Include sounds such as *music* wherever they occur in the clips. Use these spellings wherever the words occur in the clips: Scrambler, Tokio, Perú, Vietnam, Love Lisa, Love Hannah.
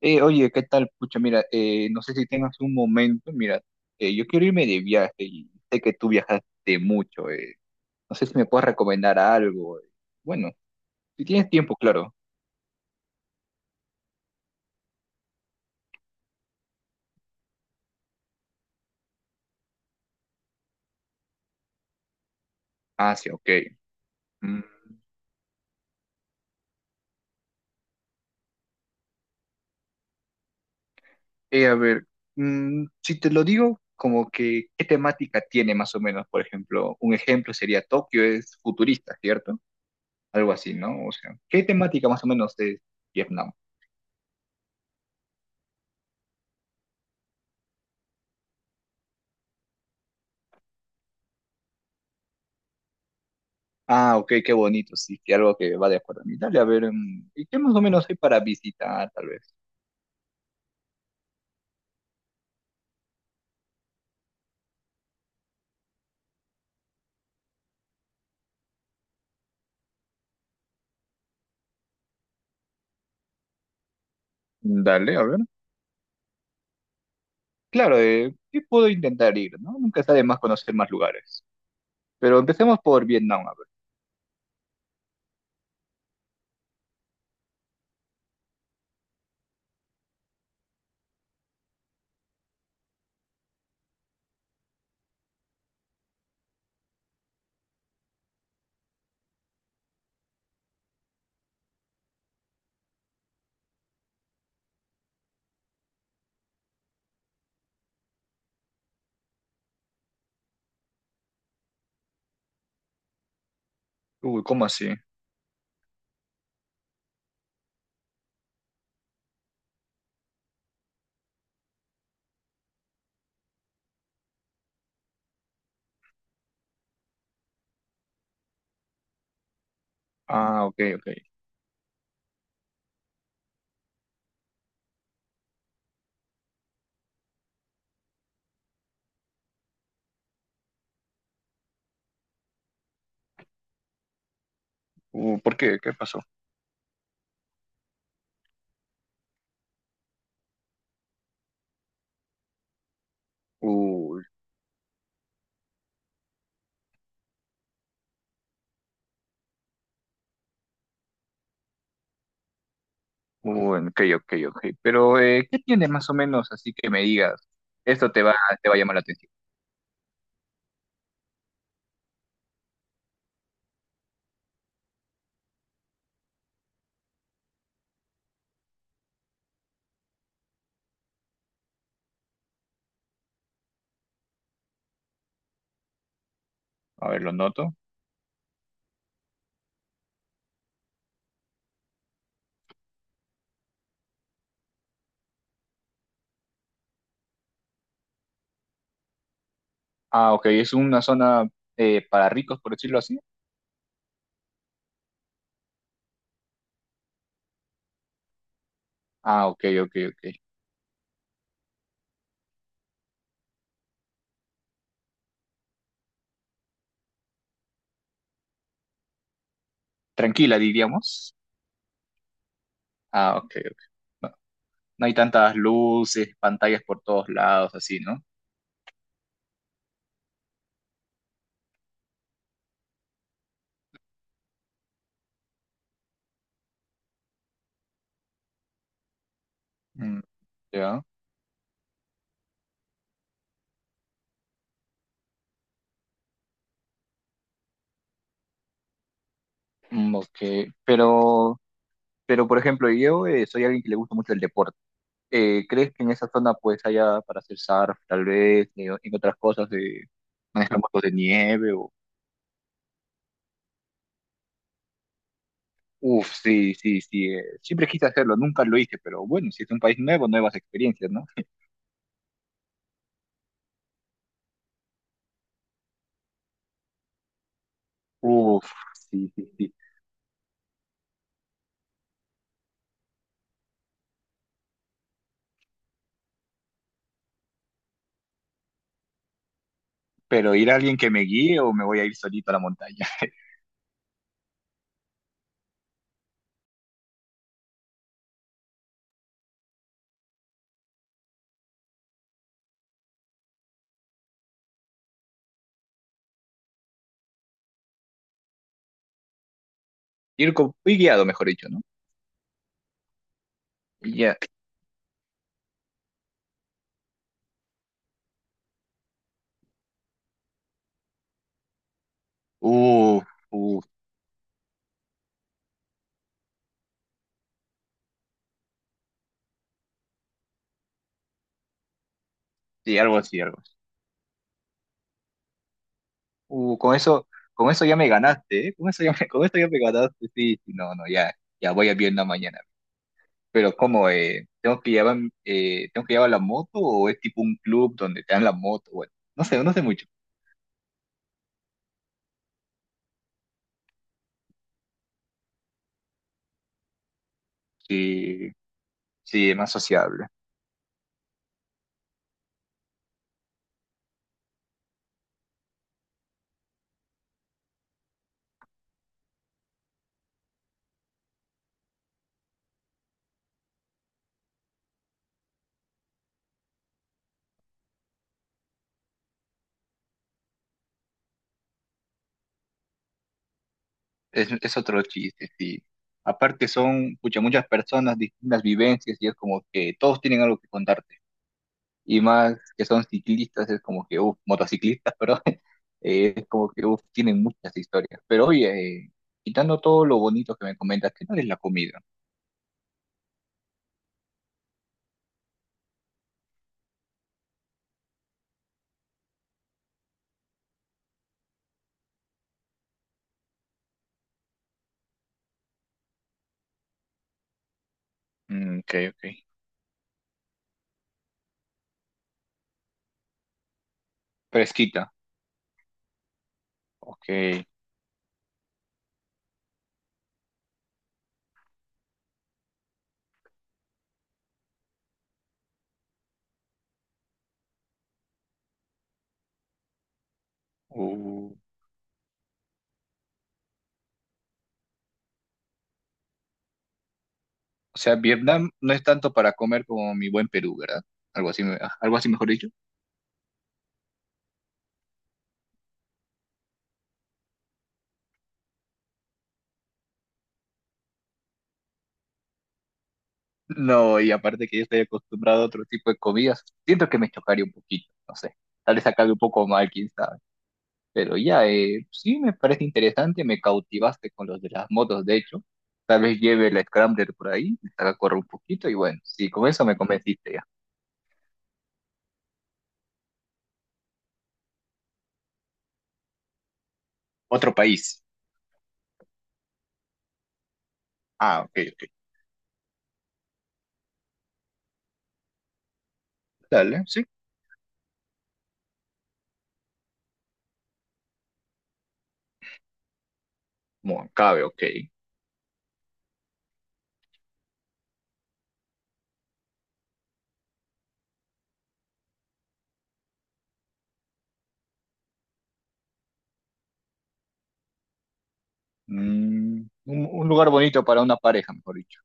Oye, ¿qué tal? Pucha, mira, no sé si tengas un momento, mira, yo quiero irme de viaje y sé que tú viajaste mucho, no sé si me puedes recomendar algo. Bueno, si tienes tiempo, claro. Ah, sí, ok. Mm, eh, a ver, si te lo digo, como que, ¿qué temática tiene más o menos? Por ejemplo, un ejemplo sería Tokio es futurista, ¿cierto? Algo así, ¿no? O sea, ¿qué temática más o menos es Vietnam? Ah, ok, qué bonito, sí, que algo que va de acuerdo a mí. Dale, a ver, ¿y qué más o menos hay para visitar, tal vez? Dale, a ver. Claro, ¿qué puedo intentar ir, no? Nunca está de más conocer más lugares. Pero empecemos por Vietnam, a ver. Uy, ¿cómo así? Ah, ok, ok. ¿Por qué? ¿Qué pasó? Uy, ok, ok, ok. Pero, ¿qué tiene más o menos así que me digas? Esto te va a llamar la atención. A ver, lo noto. Ah, ok, es una zona para ricos, por decirlo así. Ah, ok, ok, ok. Tranquila, diríamos. Ah, ok, ok. No, no hay tantas luces, pantallas por todos lados, así, ¿no? Mm, ya. Mm, ok. Pero, pero por ejemplo, yo soy alguien que le gusta mucho el deporte. ¿Crees que en esa zona pues haya para hacer surf, tal vez, y en otras cosas de manejar motos de nieve o... Uf, sí, sí, sí. Siempre quise hacerlo, nunca lo hice, pero bueno, si es un país nuevo, nuevas experiencias, ¿no? Uf, sí, sí, sí. Pero ir a alguien que me guíe o me voy a ir solito a la montaña. *laughs* Ir, ir guiado, mejor dicho, ¿no? Ya. Uh, uh, sí, algo así, algo así. Uh, con eso ya me ganaste, ¿eh? Con eso ya me, *laughs* con esto ya me ganaste, sí, sí, no, no, ya, ya voy a Vietnam mañana. Pero ¿cómo, tengo que llevar la moto o es tipo un club donde te dan la moto? Bueno, no sé, no sé mucho. Sí, sí, es más sociable. Es otro chiste, sí. Aparte son, pucha, muchas personas, distintas vivencias y es como que todos tienen algo que contar. Y más que son ciclistas, es como que, uff, motociclistas, pero *laughs* es como que, uff, tienen muchas historias. Pero oye, quitando todo lo bonito que me comentas, ¿qué tal es la comida? Mm, ok, ok. Fresquita, ok. Uh, o sea, Vietnam no es tanto para comer como mi buen Perú, ¿verdad? Algo así, algo así mejor dicho. No, y aparte que yo estoy acostumbrado a otro tipo de comidas, siento que me chocaría un poquito, no sé. Tal vez acabe un poco mal, quizás. Pero ya, sí me parece interesante, me cautivaste con los de las motos, de hecho. Tal vez lleve el Scrambler por ahí, le saca correr un poquito y bueno, sí, con eso me convenciste ya. Otro país. Ah, ok, ok. Dale, sí. Bueno, cabe, ok. Mm, un lugar bonito para una pareja, mejor dicho.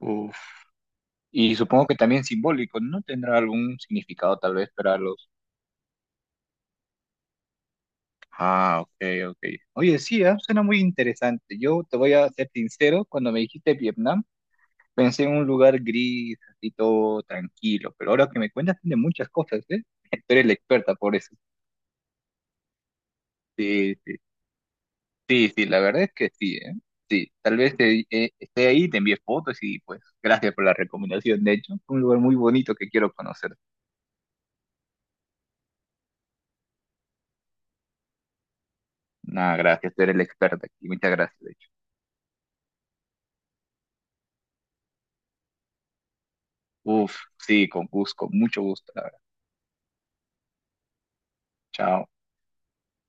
Uf. Y supongo que también simbólico, ¿no? Tendrá algún significado tal vez para los... Ah, ok, ok. Oye, sí, ah, suena muy interesante. Yo te voy a ser sincero, cuando me dijiste Vietnam, pensé en un lugar gris, así todo tranquilo, pero ahora que me cuentas tiene muchas cosas, ¿eh? *laughs* Tú eres la experta por eso. Sí, sí, sí, sí, la verdad es que sí, ¿eh? Sí, tal vez esté ahí, te envié fotos y pues gracias por la recomendación, de hecho. Un lugar muy bonito que quiero conocer. Nada, gracias, tú eres la experta aquí, muchas gracias, de hecho. Uf, sí, con gusto, con mucho gusto, la verdad. Chao.